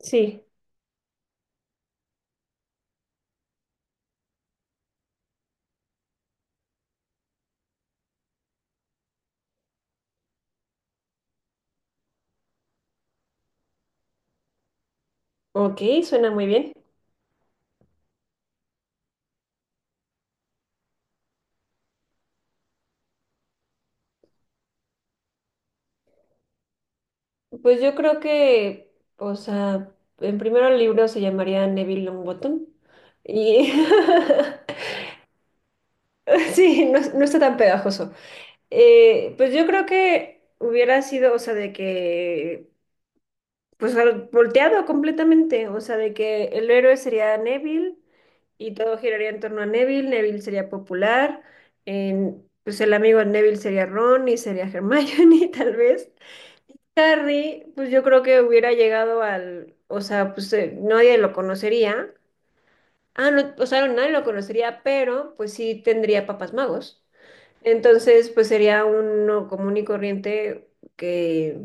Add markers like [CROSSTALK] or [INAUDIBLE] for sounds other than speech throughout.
Sí, ok, suena muy bien. Pues yo creo que, o sea, en primero el libro se llamaría Neville Longbottom y [LAUGHS] sí, no, es no está tan pegajoso. Pues yo creo que hubiera sido, o sea, de que, pues volteado completamente, o sea, de que el héroe sería Neville y todo giraría en torno a Neville, Neville sería popular, pues el amigo de Neville sería Ron y sería Hermione [LAUGHS] tal vez. Harry, pues yo creo que hubiera llegado al, o sea, pues nadie lo conocería. Ah, no, o sea, nadie lo conocería, pero pues sí tendría papás magos. Entonces, pues sería uno común y corriente que,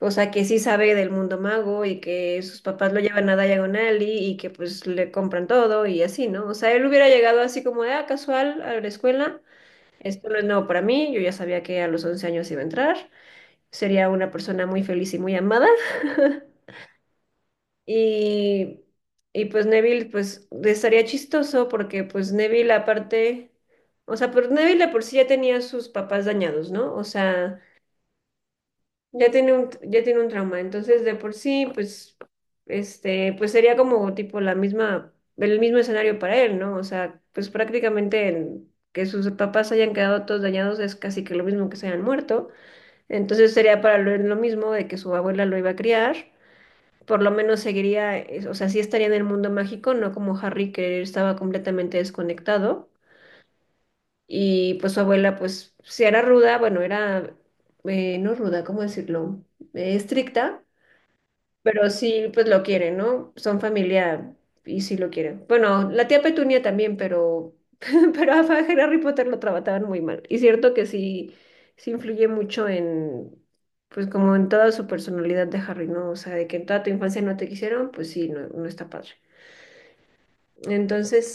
o sea, que sí sabe del mundo mago y que sus papás lo llevan a Diagon Alley y que pues le compran todo y así, ¿no? O sea, él hubiera llegado así como de, ah, casual a la escuela. Esto no es nuevo para mí, yo ya sabía que a los 11 años iba a entrar sería una persona muy feliz y muy amada. [LAUGHS] Y, y pues Neville, pues estaría chistoso porque pues Neville aparte, o sea, pero Neville de por sí ya tenía sus papás dañados, ¿no? O sea, ya tiene un trauma, entonces de por sí, pues, este, pues sería como tipo el mismo escenario para él, ¿no? O sea, pues prácticamente que sus papás hayan quedado todos dañados es casi que lo mismo que se hayan muerto. Entonces sería para Lore lo mismo de que su abuela lo iba a criar. Por lo menos seguiría, o sea, sí estaría en el mundo mágico, no como Harry que estaba completamente desconectado. Y pues su abuela, pues, si era ruda, bueno, era, no ruda, ¿cómo decirlo? Estricta, pero sí, pues lo quieren, ¿no? Son familia y sí lo quieren. Bueno, la tía Petunia también, pero, [LAUGHS] pero a Harry Potter lo trataban muy mal. Y cierto que sí, sí influye mucho en, pues como en toda su personalidad de Harry, ¿no? O sea, de que en toda tu infancia no te quisieron, pues sí, no, no está padre. Entonces,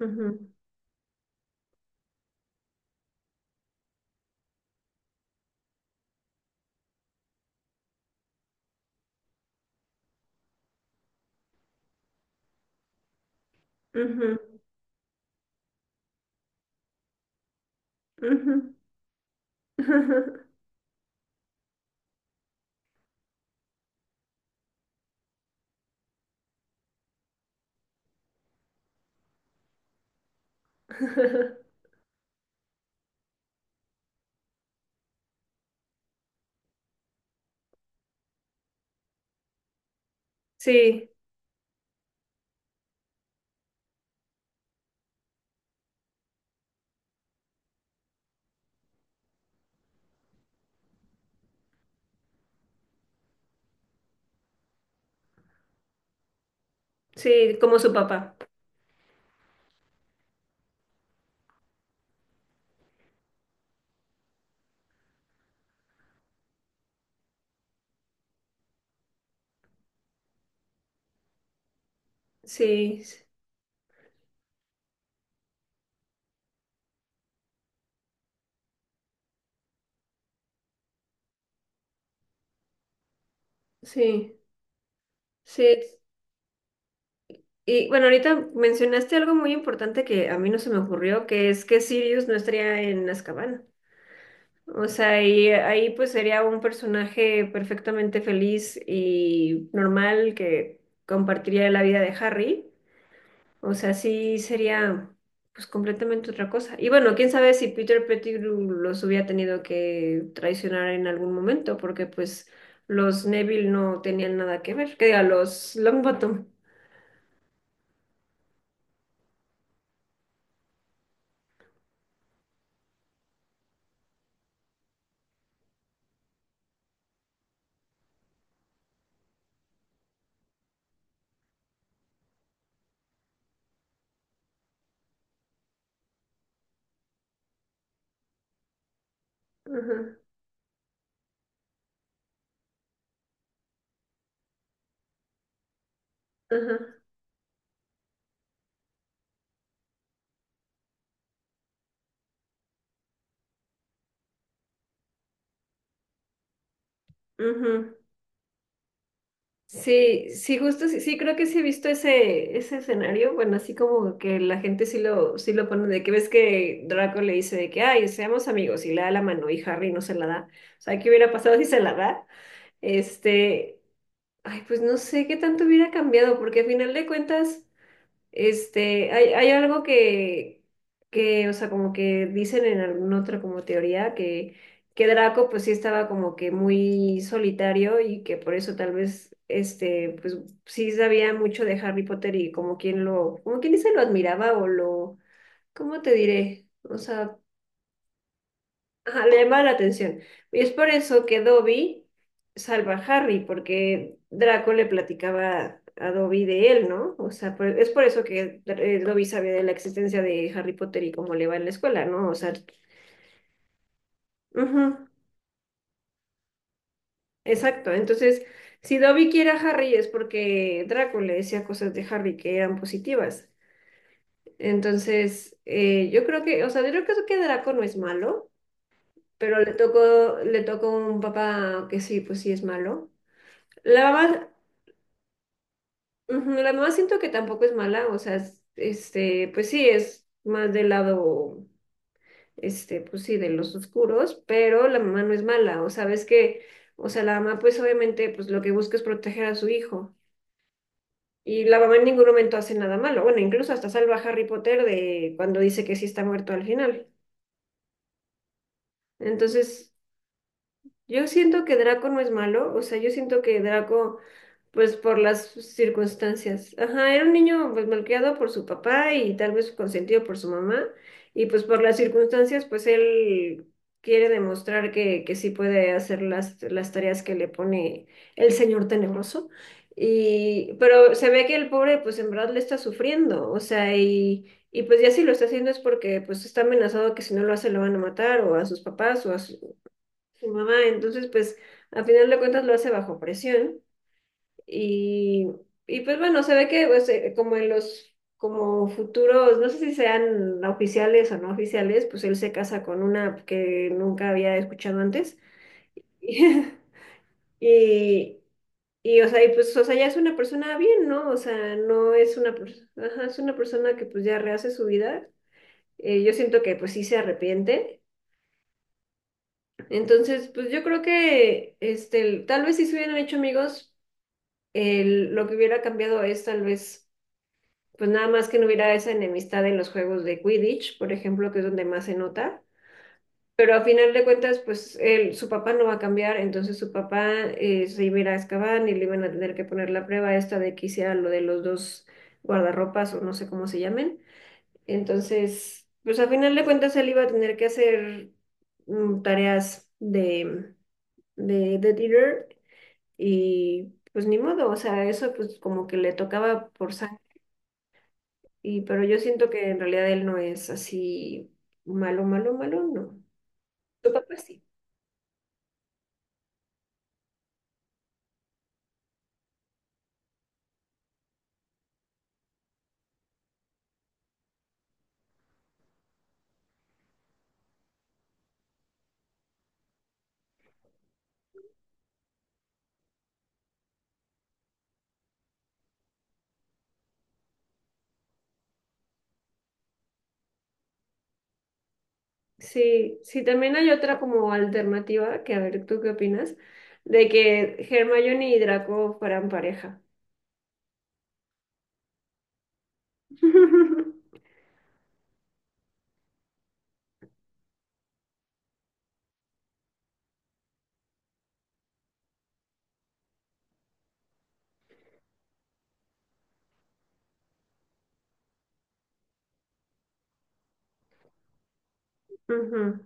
ujú, ujú, ujú. [LAUGHS] Sí, sí, como su papá. Sí, sí, sí. Y bueno, ahorita mencionaste algo muy importante que a mí no se me ocurrió, que es que Sirius no estaría en Azkaban. O sea, y ahí pues sería un personaje perfectamente feliz y normal que compartiría la vida de Harry. O sea, sí sería pues completamente otra cosa. Y bueno, quién sabe si Peter Pettigrew los hubiera tenido que traicionar en algún momento, porque pues los Neville no tenían nada que ver. Que diga, los Longbottom. Ajá, ajá, ujú. Sí, sí, justo, sí, sí, creo que sí he visto ese, ese escenario, bueno, así como que la gente sí lo pone, de que ves que Draco le dice de que, ay, seamos amigos, y le da la mano, y Harry no se la da, o sea, ¿qué hubiera pasado si se la da? Este, ay, pues no sé qué tanto hubiera cambiado, porque al final de cuentas... Este, hay algo que, o sea, como que dicen en alguna otra como teoría que Draco pues sí estaba como que muy solitario y que por eso tal vez, este, pues sí sabía mucho de Harry Potter y como quien lo, como quien dice lo admiraba o lo, ¿cómo te diré? O sea, ajá, le llamaba la atención. Y es por eso que Dobby salva a Harry, porque Draco le platicaba a Dobby de él, ¿no? O sea, es por eso que Dobby sabía de la existencia de Harry Potter y cómo le va en la escuela, ¿no? O sea, ujú, exacto. Entonces, si Dobby quiere a Harry es porque Draco le decía cosas de Harry que eran positivas. Entonces, yo creo que, o sea, yo creo que eso que Draco no es malo, pero le tocó un papá que sí, pues sí es malo. La mamá, ujú, la mamá siento que tampoco es mala, o sea, este, pues sí, es más del lado, este, pues sí, de los oscuros, pero la mamá no es mala, o sea, ves que, o sea, la mamá pues obviamente pues lo que busca es proteger a su hijo. Y la mamá en ningún momento hace nada malo, bueno, incluso hasta salva a Harry Potter de cuando dice que sí está muerto al final. Entonces, yo siento que Draco no es malo, o sea, yo siento que Draco, pues por las circunstancias, ajá, era un niño pues malcriado por su papá y tal vez consentido por su mamá, y pues por las circunstancias, pues él quiere demostrar que sí puede hacer las tareas que le pone el señor tenebroso, y, pero se ve que el pobre pues en verdad le está sufriendo, o sea, y pues ya si lo está haciendo es porque pues está amenazado que si no lo hace lo van a matar o a sus papás o a, su mamá, entonces pues a final de cuentas lo hace bajo presión y, y pues bueno, se ve que pues, como en los como futuros, no sé si sean oficiales o no oficiales, pues él se casa con una que nunca había escuchado antes [LAUGHS] y o sea, y pues o sea, ya es una persona bien, ¿no? O sea, no es una, persona es una persona que pues ya rehace su vida. Yo siento que pues sí se arrepiente. Entonces, pues yo creo que este, tal vez sí se hubieran hecho amigos, lo que hubiera cambiado es tal vez, pues nada más que no hubiera esa enemistad en los juegos de Quidditch, por ejemplo, que es donde más se nota. Pero a final de cuentas, pues él, su papá no va a cambiar, entonces su papá se iba a ir a Azkaban y le iban a tener que poner la prueba esta de que hiciera lo de los dos guardarropas o no sé cómo se llamen. Entonces, pues a final de cuentas él iba a tener que hacer tareas de y pues ni modo, o sea, eso pues como que le tocaba por sangre. Y, pero yo siento que en realidad él no es así malo, malo, malo, no. Tu papá sí. Sí, sí, también hay otra como alternativa, que a ver, ¿tú qué opinas? De que Hermione y Draco fueran pareja. [LAUGHS] Ujú.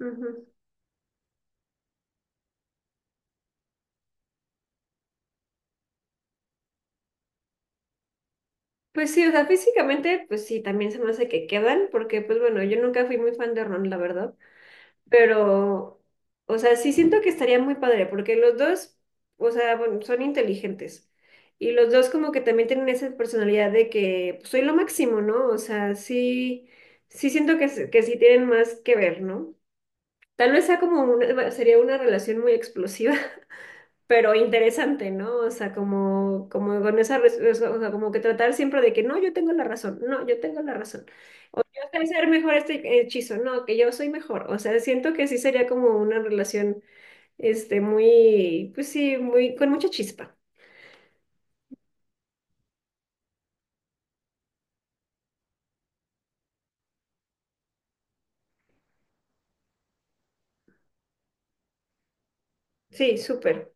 Ujú. Pues sí, o sea, físicamente, pues sí, también se me hace que quedan, porque pues bueno, yo nunca fui muy fan de Ron, la verdad, pero, o sea, sí siento que estaría muy padre, porque los dos, o sea, bueno, son inteligentes. Y los dos como que también tienen esa personalidad de que pues, soy lo máximo, ¿no? O sea, sí, sí siento que, que sí tienen más que ver, ¿no? Tal vez sea como una, sería una relación muy explosiva, pero interesante, ¿no? O sea, como, como con esa, o sea, como que tratar siempre de que no, yo tengo la razón, no, yo tengo la razón, o yo sé hacer mejor este hechizo, no, que yo soy mejor, o sea, siento que sí sería como una relación, este, muy, pues sí, muy, con mucha chispa, sí, súper.